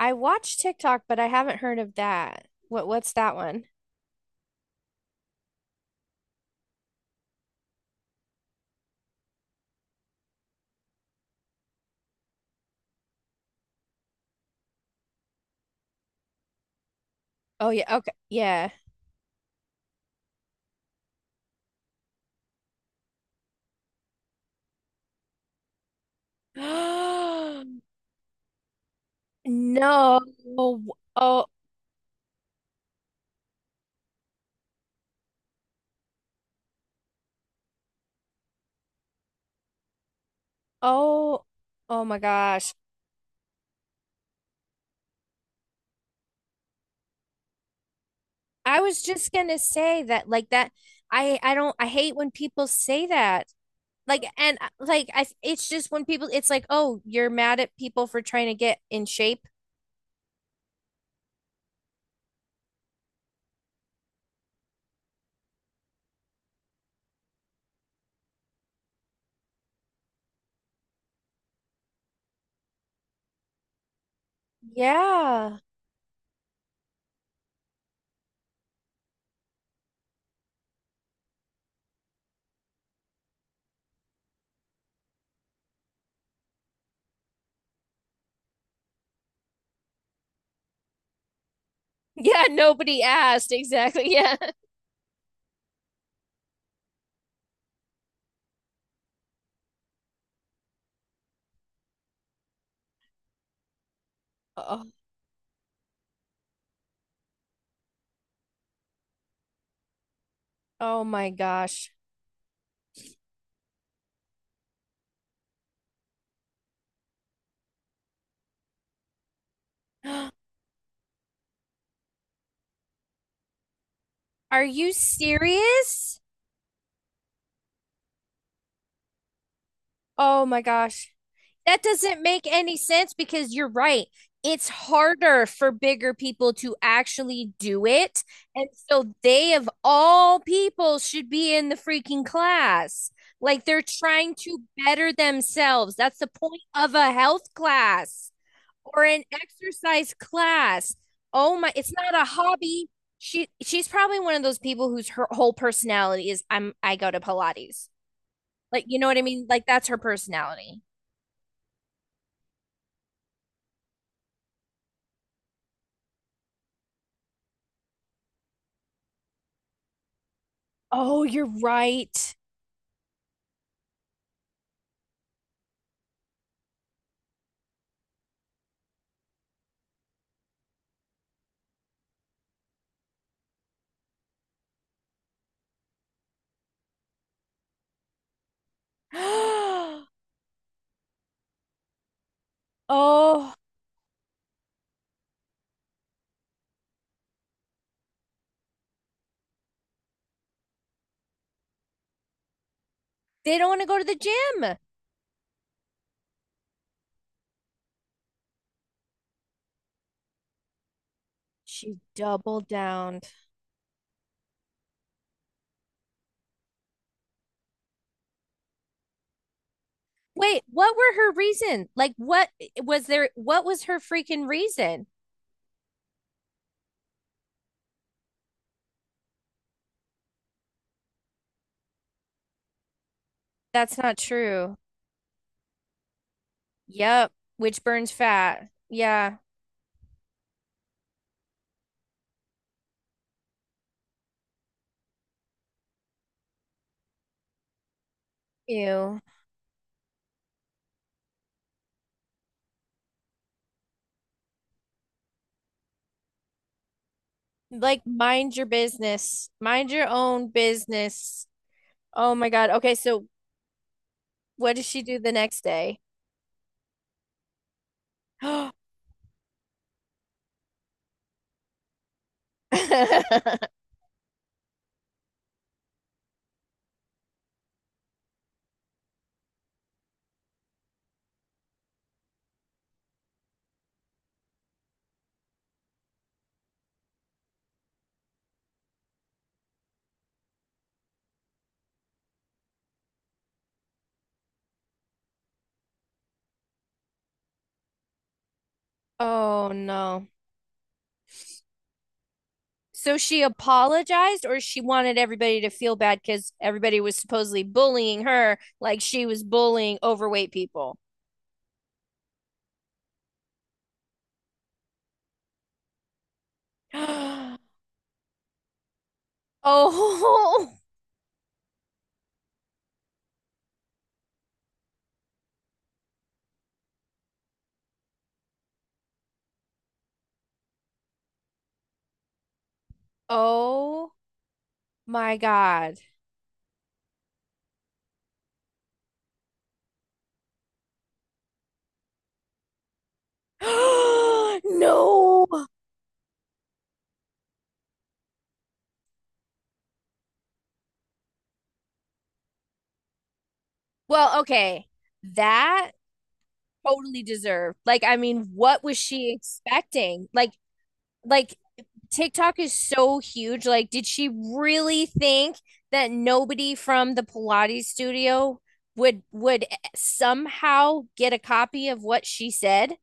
I watch TikTok, but I haven't heard of that. What's that one? Oh yeah, okay. Yeah. No. Oh, oh, oh my gosh. I was just gonna say that like that I don't I hate when people say that. Like and like I it's just when people it's like, "Oh, you're mad at people for trying to get in shape." Yeah. Yeah, nobody asked. Exactly. Yeah. Oh, oh my gosh. Are you serious? Oh my gosh. That doesn't make any sense because you're right. It's harder for bigger people to actually do it. And so they, of all people, should be in the freaking class. Like they're trying to better themselves. That's the point of a health class or an exercise class. Oh my, it's not a hobby. She's probably one of those people whose her whole personality is I go to Pilates. Like, you know what I mean? Like, that's her personality. Oh, you're right. Oh, they don't want to go to the gym. She doubled down. Wait, what were her reason? Like, what was there? What was her freaking reason? That's not true. Yep, which burns fat. Yeah, ew. Like, mind your business. Mind your own business. Oh my God. Okay, so what does she do the next day? Oh no. So she apologized, or she wanted everybody to feel bad because everybody was supposedly bullying her like she was bullying overweight people. Oh, oh my God. No. Well, okay. That totally deserved. Like, I mean, what was she expecting? Like TikTok is so huge. Like, did she really think that nobody from the Pilates studio would somehow get a copy of what she said?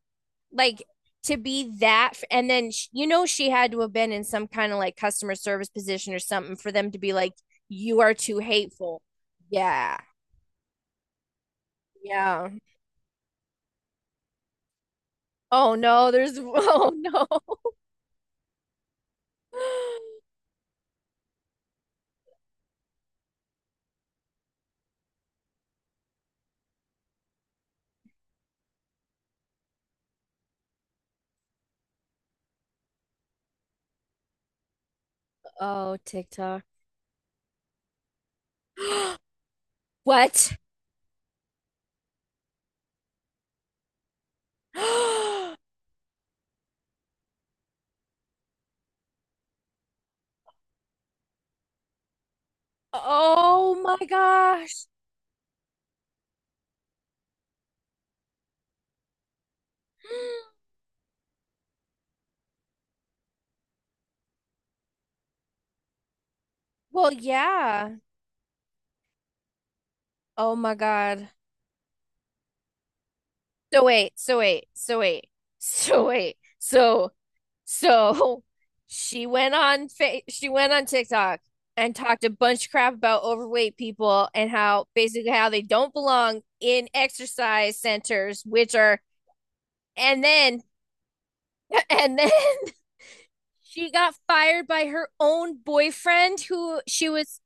Like to be that and then sh- you know she had to have been in some kind of like customer service position or something for them to be like you are too hateful. Yeah. Yeah. Oh no, there's oh no. Oh, TikTok. What? Oh my gosh. Well, yeah. Oh my God. So wait, so wait, so wait, so wait. So so she went on fa she went on TikTok and talked a bunch of crap about overweight people and how basically how they don't belong in exercise centers, which are and then and then she got fired by her own boyfriend who she was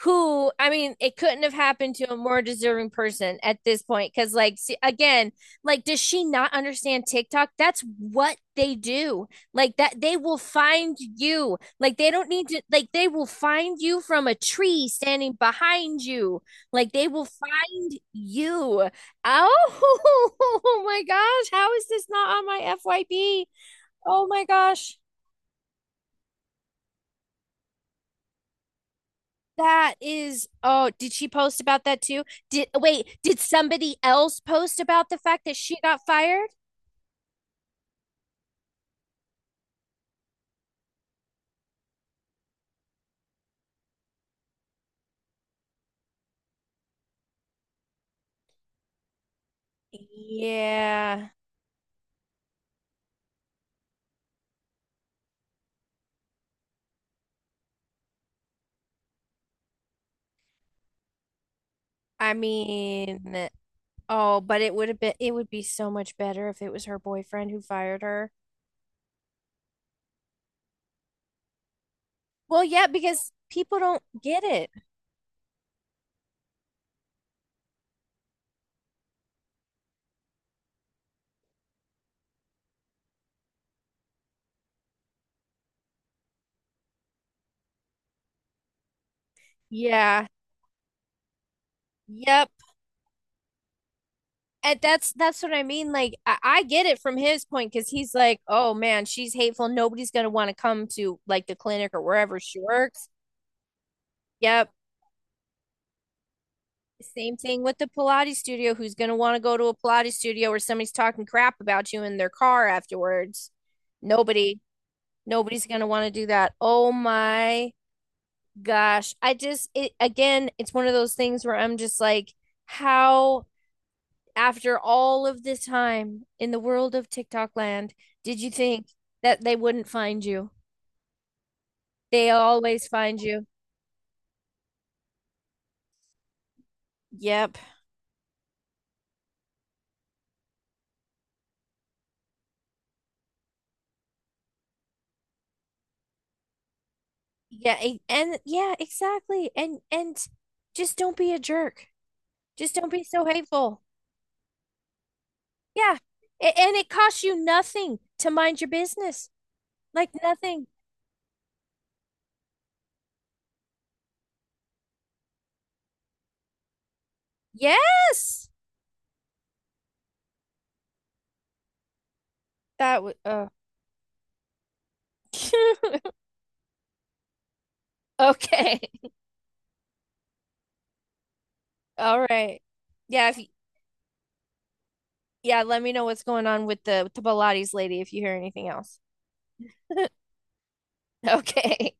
who I mean, it couldn't have happened to a more deserving person at this point. Cause like, see, again, like, does she not understand TikTok? That's what they do. Like that, they will find you. Like they don't need to. Like they will find you from a tree standing behind you. Like they will find you. Oh, oh my gosh! How is this not on my FYP? Oh my gosh! That is, oh, did she post about that too? Did Wait, did somebody else post about the fact that she got fired? Yeah, I mean, oh, but it would be so much better if it was her boyfriend who fired her. Well, yeah, because people don't get it. Yeah, yep. And that's what I mean. I get it from his point because he's like, oh man, she's hateful. Nobody's gonna want to come to like the clinic or wherever she works. Yep. Same thing with the Pilates studio. Who's going to want to go to a Pilates studio where somebody's talking crap about you in their car afterwards? Nobody, nobody's going to want to do that. Oh my gosh. Again, it's one of those things where I'm just like, how, after all of this time in the world of TikTok land, did you think that they wouldn't find you? They always find you. Yep. Yeah. And yeah, exactly. And just don't be a jerk. Just don't be so hateful. Yeah. And it costs you nothing to mind your business. Like nothing. Yes. That would okay. All right. Yeah, if yeah, let me know what's going on with the Pilates lady if you hear anything else. Okay.